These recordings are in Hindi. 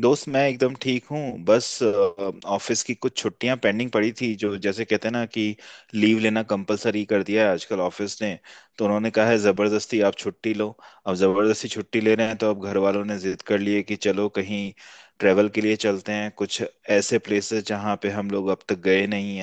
दोस्त मैं एकदम ठीक हूँ। बस ऑफिस की कुछ छुट्टियां पेंडिंग पड़ी थी। जो जैसे कहते हैं ना कि लीव लेना कंपलसरी कर दिया है आजकल ऑफिस ने, तो उन्होंने कहा है जबरदस्ती आप छुट्टी लो। अब जबरदस्ती छुट्टी ले रहे हैं तो अब घर वालों ने जिद कर ली है कि चलो कहीं ट्रेवल के लिए चलते हैं, कुछ ऐसे प्लेसेस जहाँ पे हम लोग अब तक गए नहीं।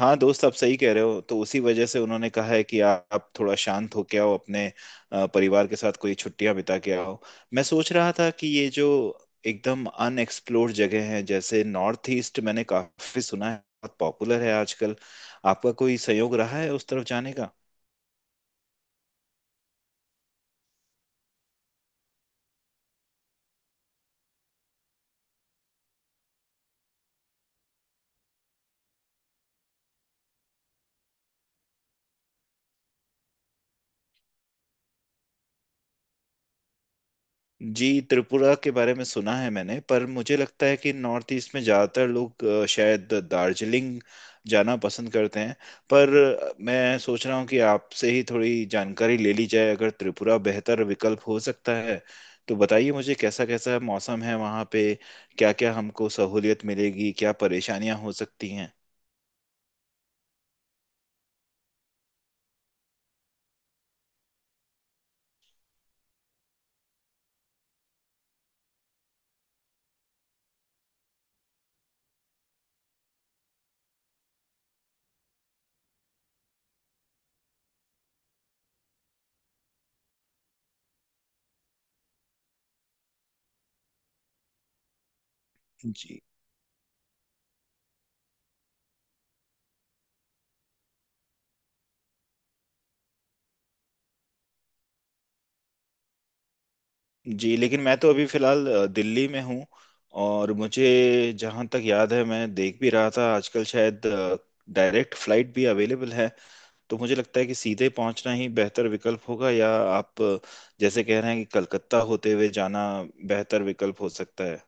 हाँ दोस्त, आप सही कह रहे हो। तो उसी वजह से उन्होंने कहा है कि आप थोड़ा शांत होके आओ, अपने परिवार के साथ कोई छुट्टियां बिता के आओ। मैं सोच रहा था कि ये जो एकदम अनएक्सप्लोर्ड जगह है जैसे नॉर्थ ईस्ट, मैंने काफी सुना है, बहुत पॉपुलर है आजकल। आपका कोई संयोग रहा है उस तरफ जाने का? जी, त्रिपुरा के बारे में सुना है मैंने। पर मुझे लगता है कि नॉर्थ ईस्ट में ज़्यादातर लोग शायद दार्जिलिंग जाना पसंद करते हैं। पर मैं सोच रहा हूँ कि आपसे ही थोड़ी जानकारी ले ली जाए, अगर त्रिपुरा बेहतर विकल्प हो सकता है तो बताइए मुझे। कैसा कैसा मौसम है वहाँ पे? क्या क्या हमको सहूलियत मिलेगी? क्या परेशानियाँ हो सकती हैं? जी। जी लेकिन मैं तो अभी फिलहाल दिल्ली में हूँ, और मुझे जहाँ तक याद है, मैं देख भी रहा था, आजकल शायद डायरेक्ट फ्लाइट भी अवेलेबल है। तो मुझे लगता है कि सीधे पहुँचना ही बेहतर विकल्प होगा, या आप जैसे कह रहे हैं कि कलकत्ता होते हुए जाना बेहतर विकल्प हो सकता है।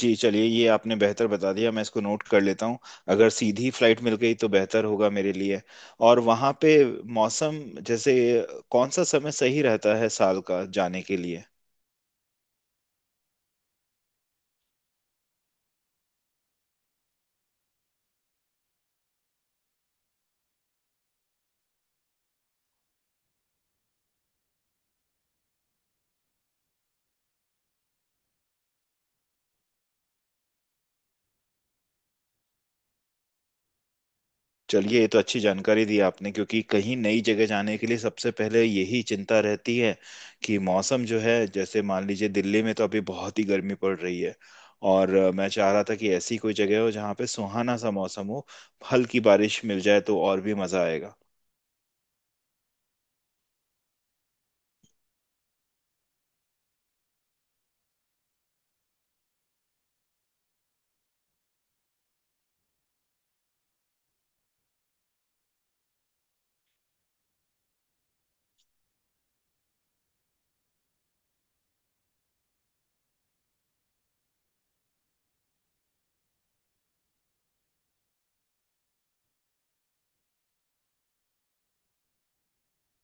जी चलिए, ये आपने बेहतर बता दिया, मैं इसको नोट कर लेता हूँ। अगर सीधी फ्लाइट मिल गई तो बेहतर होगा मेरे लिए। और वहाँ पे मौसम, जैसे कौन सा समय सही रहता है साल का जाने के लिए? चलिए, ये तो अच्छी जानकारी दी आपने। क्योंकि कहीं नई जगह जाने के लिए सबसे पहले यही चिंता रहती है कि मौसम जो है, जैसे मान लीजिए दिल्ली में तो अभी बहुत ही गर्मी पड़ रही है। और मैं चाह रहा था कि ऐसी कोई जगह हो जहाँ पे सुहाना सा मौसम हो, हल्की बारिश मिल जाए तो और भी मजा आएगा।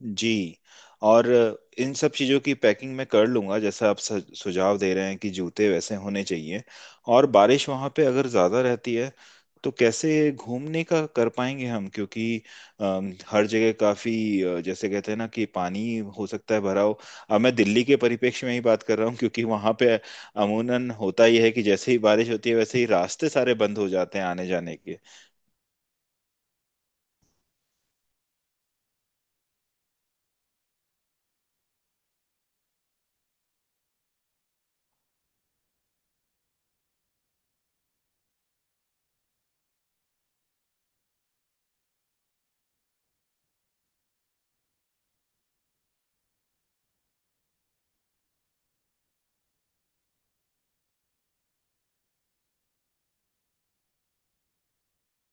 जी। और इन सब चीज़ों की पैकिंग मैं कर लूंगा, जैसा आप सुझाव दे रहे हैं कि जूते वैसे होने चाहिए। और बारिश वहाँ पे अगर ज़्यादा रहती है तो कैसे घूमने का कर पाएंगे हम, क्योंकि हर जगह काफ़ी जैसे कहते हैं ना कि पानी हो सकता है भरा हो। अब मैं दिल्ली के परिप्रेक्ष्य में ही बात कर रहा हूँ, क्योंकि वहाँ पे अमूनन होता ही है कि जैसे ही बारिश होती है वैसे ही रास्ते सारे बंद हो जाते हैं आने जाने के।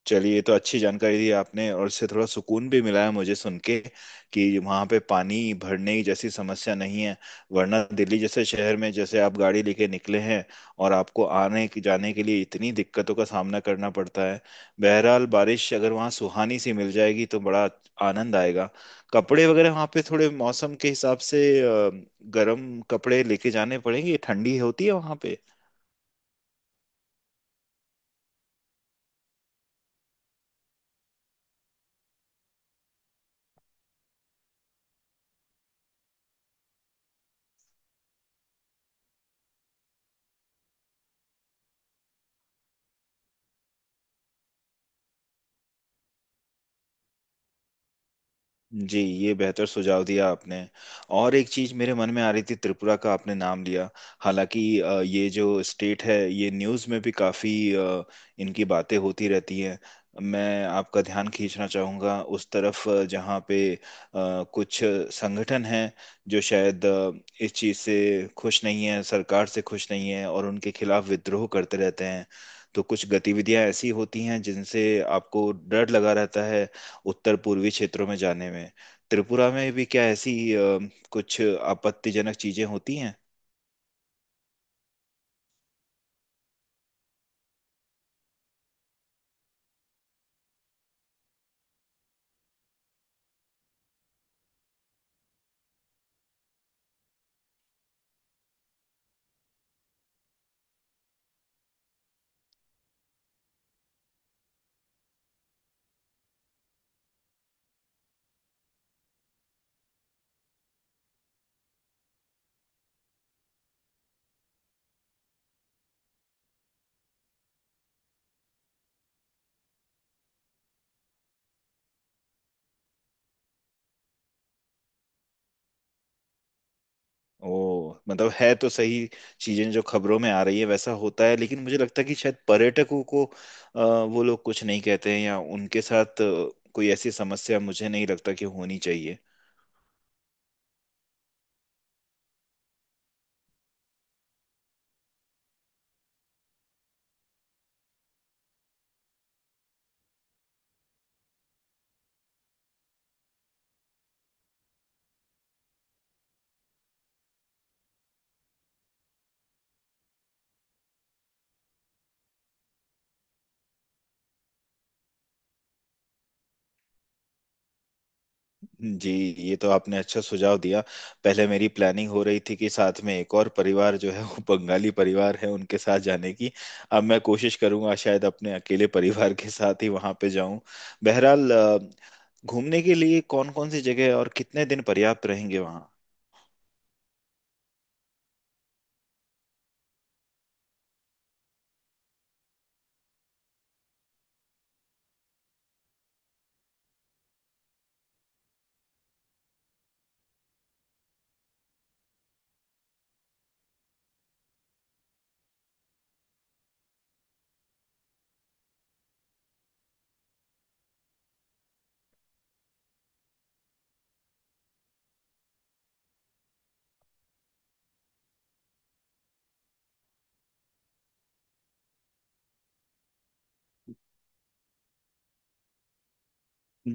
चलिए, ये तो अच्छी जानकारी दी आपने, और इससे थोड़ा सुकून भी मिला है मुझे सुन के, कि वहाँ पे पानी भरने की जैसी समस्या नहीं है। वरना दिल्ली जैसे शहर में, जैसे आप गाड़ी लेके निकले हैं और आपको जाने के लिए इतनी दिक्कतों का सामना करना पड़ता है। बहरहाल, बारिश अगर वहाँ सुहानी सी मिल जाएगी तो बड़ा आनंद आएगा। कपड़े वगैरह वहाँ पे थोड़े मौसम के हिसाब से गर्म कपड़े लेके जाने पड़ेंगे? ठंडी होती है वहाँ? जी, ये बेहतर सुझाव दिया आपने। और एक चीज मेरे मन में आ रही थी, त्रिपुरा का आपने नाम लिया, हालांकि ये जो स्टेट है ये न्यूज़ में भी काफी इनकी बातें होती रहती हैं। मैं आपका ध्यान खींचना चाहूंगा उस तरफ, जहाँ पे कुछ संगठन हैं जो शायद इस चीज से खुश नहीं है, सरकार से खुश नहीं है और उनके खिलाफ विद्रोह करते रहते हैं। तो कुछ गतिविधियां ऐसी होती हैं जिनसे आपको डर लगा रहता है उत्तर पूर्वी क्षेत्रों में जाने में। त्रिपुरा में भी क्या ऐसी कुछ आपत्तिजनक चीजें होती हैं? ओ, मतलब है तो सही। चीजें जो खबरों में आ रही है वैसा होता है, लेकिन मुझे लगता है कि शायद पर्यटकों को वो लोग कुछ नहीं कहते हैं, या उनके साथ कोई ऐसी समस्या मुझे नहीं लगता कि होनी चाहिए। जी, ये तो आपने अच्छा सुझाव दिया। पहले मेरी प्लानिंग हो रही थी कि साथ में एक और परिवार जो है वो बंगाली परिवार है, उनके साथ जाने की। अब मैं कोशिश करूंगा शायद अपने अकेले परिवार के साथ ही वहां पे जाऊं। बहरहाल घूमने के लिए कौन कौन सी जगह और कितने दिन पर्याप्त रहेंगे वहाँ?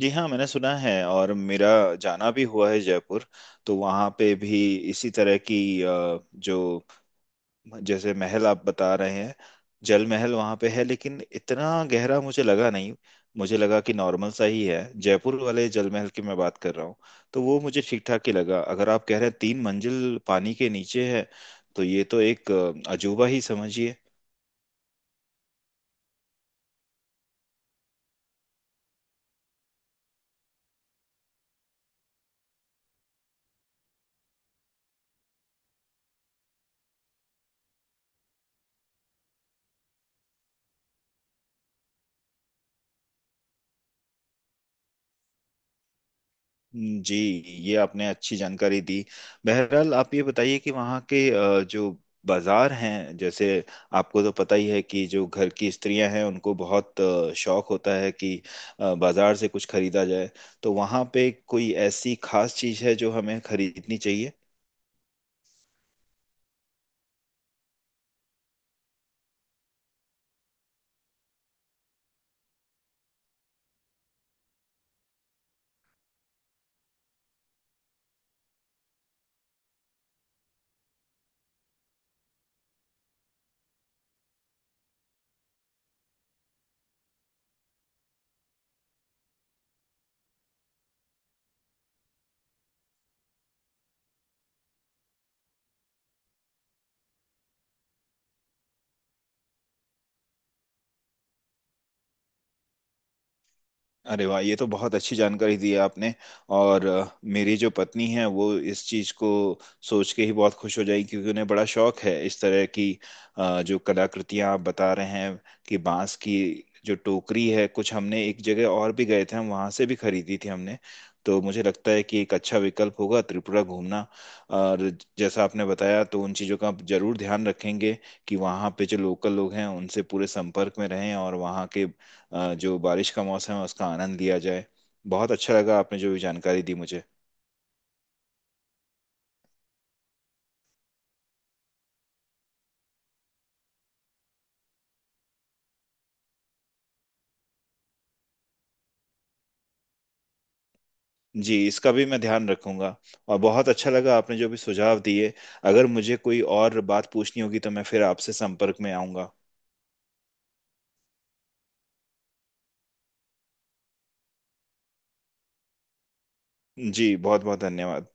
जी हाँ, मैंने सुना है, और मेरा जाना भी हुआ है जयपुर। तो वहाँ पे भी इसी तरह की जो जैसे महल आप बता रहे हैं, जल महल वहां पे है, लेकिन इतना गहरा मुझे लगा नहीं। मुझे लगा कि नॉर्मल सा ही है, जयपुर वाले जल महल की मैं बात कर रहा हूँ। तो वो मुझे ठीक ठाक ही लगा। अगर आप कह रहे हैं तीन मंजिल पानी के नीचे है, तो ये तो एक अजूबा ही समझिए। जी। ये आपने अच्छी जानकारी दी। बहरहाल, आप ये बताइए कि वहाँ के जो बाजार हैं, जैसे आपको तो पता ही है कि जो घर की स्त्रियां हैं उनको बहुत शौक होता है कि बाजार से कुछ खरीदा जाए। तो वहाँ पे कोई ऐसी खास चीज़ है जो हमें खरीदनी चाहिए? अरे वाह, ये तो बहुत अच्छी जानकारी दी है आपने। और मेरी जो पत्नी है वो इस चीज़ को सोच के ही बहुत खुश हो जाएगी, क्योंकि उन्हें बड़ा शौक है इस तरह की जो कलाकृतियां आप बता रहे हैं कि बांस की। जो टोकरी है कुछ हमने, एक जगह और भी गए थे हम वहां से भी खरीदी थी हमने। तो मुझे लगता है कि एक अच्छा विकल्प होगा त्रिपुरा घूमना। और जैसा आपने बताया तो उन चीज़ों का जरूर ध्यान रखेंगे, कि वहाँ पे जो लोकल लोग हैं उनसे पूरे संपर्क में रहें, और वहाँ के जो बारिश का मौसम है उसका आनंद लिया जाए। बहुत अच्छा लगा आपने जो भी जानकारी दी मुझे। जी, इसका भी मैं ध्यान रखूंगा। और बहुत अच्छा लगा आपने जो भी सुझाव दिए। अगर मुझे कोई और बात पूछनी होगी तो मैं फिर आपसे संपर्क में आऊंगा। जी, बहुत बहुत धन्यवाद।